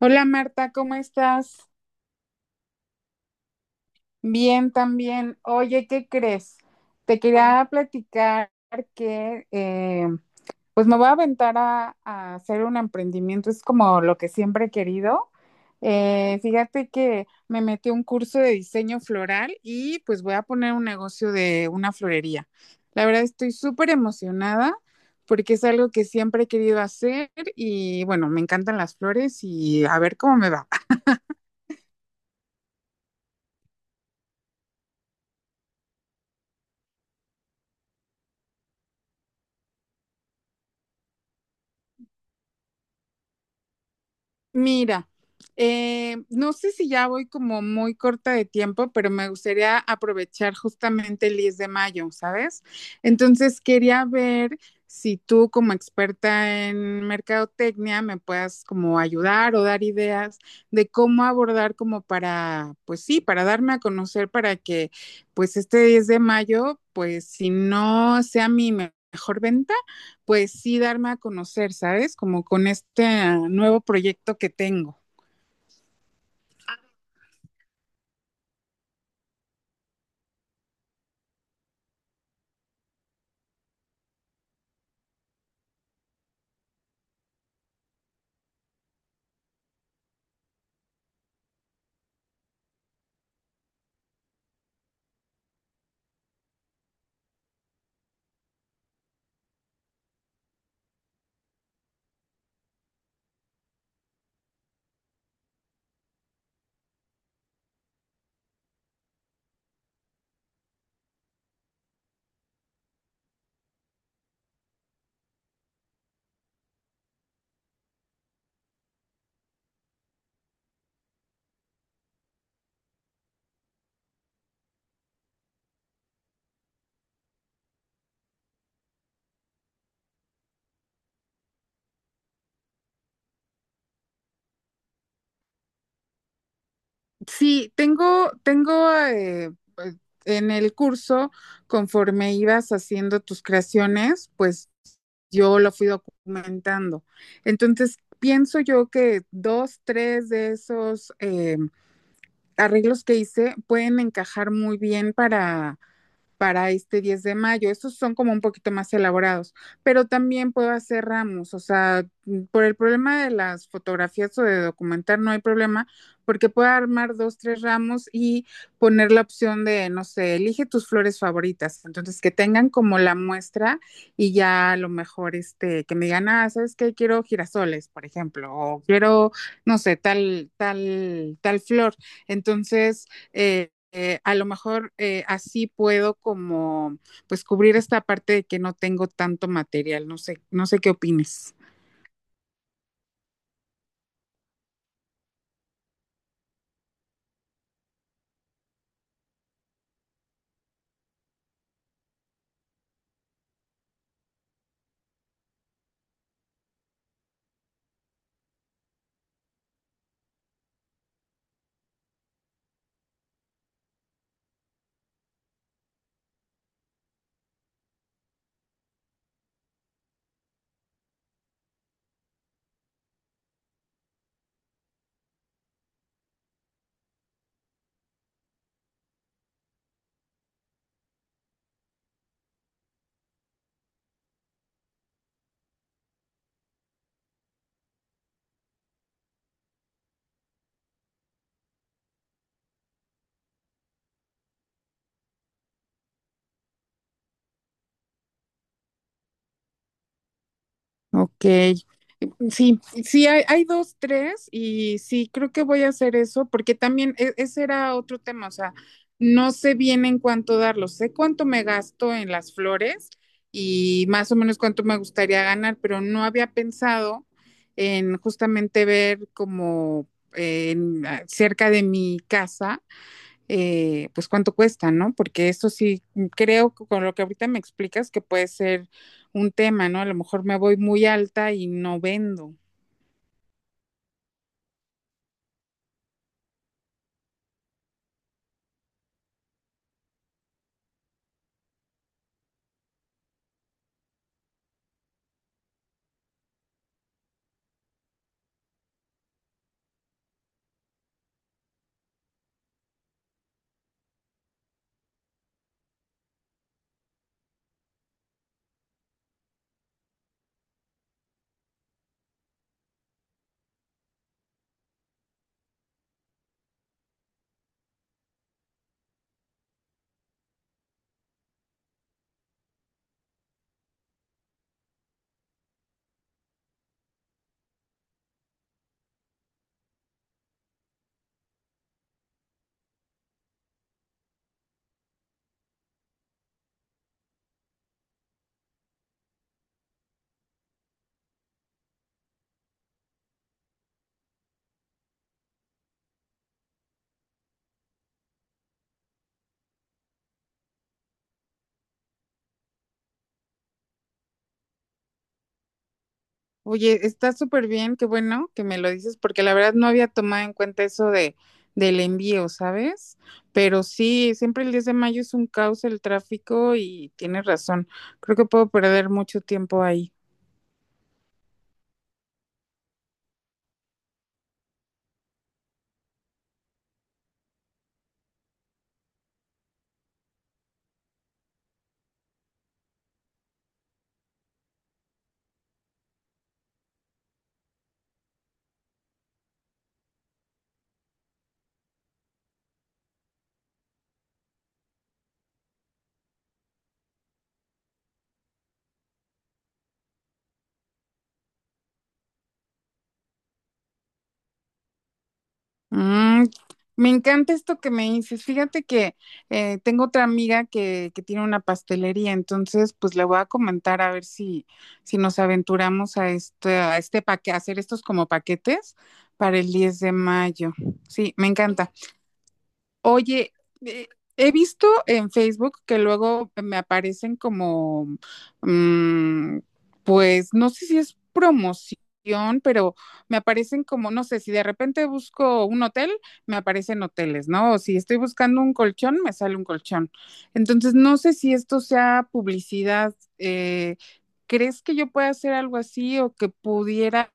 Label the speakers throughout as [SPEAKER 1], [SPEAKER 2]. [SPEAKER 1] Hola Marta, ¿cómo estás? Bien, también. Oye, ¿qué crees? Te quería platicar que pues me voy a aventar a hacer un emprendimiento, es como lo que siempre he querido. Fíjate que me metí a un curso de diseño floral y pues voy a poner un negocio de una florería. La verdad estoy súper emocionada porque es algo que siempre he querido hacer y bueno, me encantan las flores y a ver cómo me va. Mira, no sé si ya voy como muy corta de tiempo, pero me gustaría aprovechar justamente el 10 de mayo, ¿sabes? Entonces quería ver si tú como experta en mercadotecnia me puedas como ayudar o dar ideas de cómo abordar como para, pues sí, para darme a conocer para que pues este 10 de mayo, pues si no sea mi mejor venta, pues sí darme a conocer, ¿sabes? Como con este nuevo proyecto que tengo. Sí, tengo pues, en el curso, conforme ibas haciendo tus creaciones, pues yo lo fui documentando. Entonces, pienso yo que dos, tres de esos arreglos que hice pueden encajar muy bien para este 10 de mayo. Estos son como un poquito más elaborados, pero también puedo hacer ramos, o sea, por el problema de las fotografías o de documentar no hay problema, porque puedo armar dos, tres ramos y poner la opción de, no sé, elige tus flores favoritas, entonces que tengan como la muestra y ya a lo mejor, este, que me digan, ah, ¿sabes qué? Quiero girasoles, por ejemplo, o quiero, no sé, tal, tal, tal flor. Entonces, a lo mejor así puedo como pues cubrir esta parte de que no tengo tanto material, no sé, no sé qué opines. Ok, sí, sí, hay, dos, tres y sí, creo que voy a hacer eso porque también ese era otro tema, o sea, no sé bien en cuánto darlo, sé cuánto me gasto en las flores y más o menos cuánto me gustaría ganar, pero no había pensado en justamente ver como cerca de mi casa pues cuánto cuesta, ¿no? Porque eso sí, creo que con lo que ahorita me explicas que puede ser un tema, ¿no? A lo mejor me voy muy alta y no vendo. Oye, está súper bien, qué bueno que me lo dices, porque la verdad no había tomado en cuenta eso de del envío, ¿sabes? Pero sí, siempre el 10 de mayo es un caos el tráfico y tienes razón. Creo que puedo perder mucho tiempo ahí. Mm, me encanta esto que me dices. Fíjate que tengo otra amiga que tiene una pastelería, entonces pues le voy a comentar a ver si nos aventuramos a este paquete, hacer estos como paquetes para el 10 de mayo. Sí, me encanta. Oye, eh, he visto en Facebook que luego me aparecen como, mm, pues no sé si es promoción, pero me aparecen como, no sé, si de repente busco un hotel, me aparecen hoteles, ¿no? O si estoy buscando un colchón, me sale un colchón. Entonces, no sé si esto sea publicidad. eh, ¿Crees que yo pueda hacer algo así o que pudiera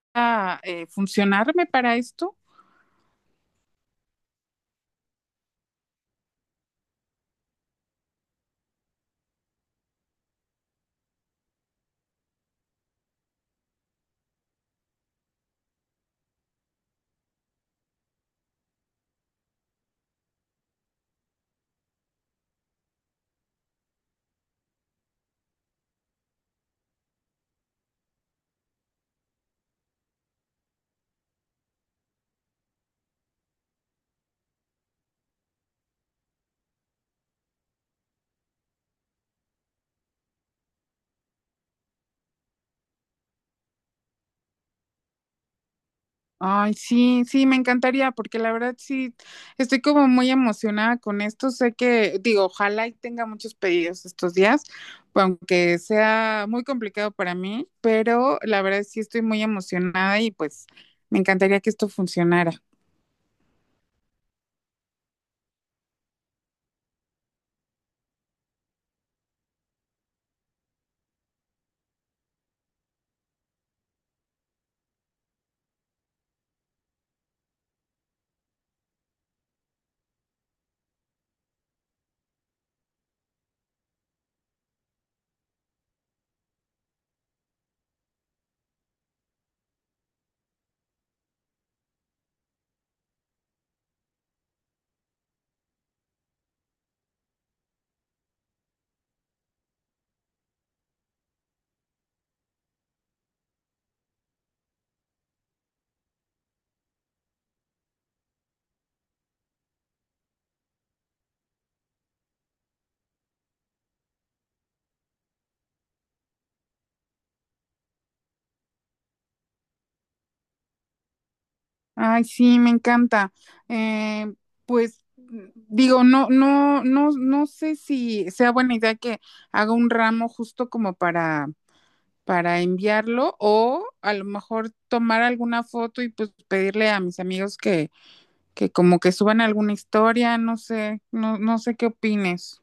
[SPEAKER 1] funcionarme para esto? Ay, sí, sí, me encantaría, porque la verdad sí, estoy como muy emocionada con esto. Sé que, digo, ojalá y tenga muchos pedidos estos días, aunque sea muy complicado para mí, pero la verdad sí estoy muy emocionada y pues me encantaría que esto funcionara. Ay, sí, me encanta. Eh, pues digo, no, no, no, no sé si sea buena idea que haga un ramo justo como para enviarlo o a lo mejor tomar alguna foto y pues pedirle a mis amigos que como que suban alguna historia, no sé, no, no sé qué opines.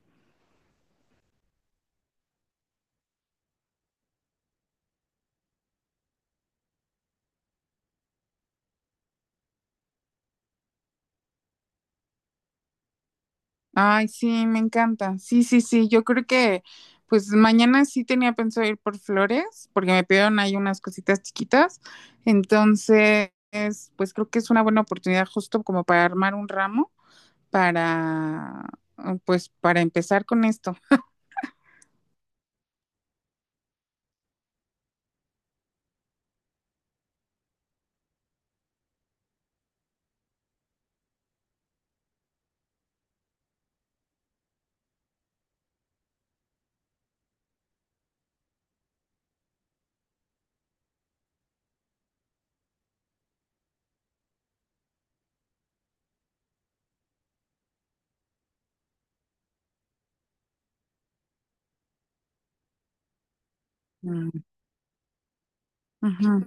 [SPEAKER 1] Ay, sí, me encanta. Sí, sí, sí, yo creo que pues mañana sí tenía pensado ir por flores porque me pidieron ahí unas cositas chiquitas. Entonces, pues creo que es una buena oportunidad justo como para armar un ramo para, pues para empezar con esto. Mm, ujú.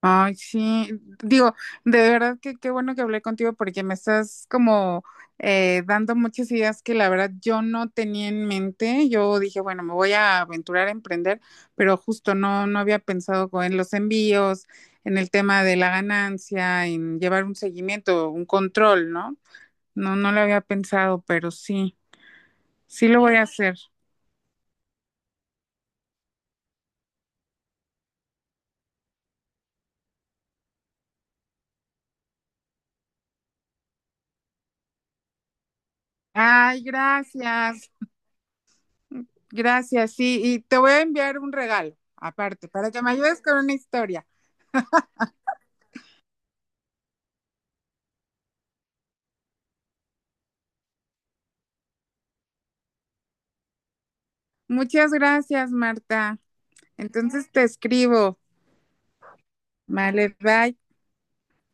[SPEAKER 1] Ay, sí, digo, de verdad que qué bueno que hablé contigo porque me estás como dando muchas ideas que la verdad yo no tenía en mente. Yo dije, bueno, me voy a aventurar a emprender, pero justo no, no había pensado en los envíos, en el tema de la ganancia, en llevar un seguimiento, un control, ¿no? No, no lo había pensado, pero sí, sí lo voy a hacer. Ay, gracias, gracias, sí, y te voy a enviar un regalo aparte para que me ayudes con una historia. Muchas gracias, Marta. Entonces te escribo. Vale, bye.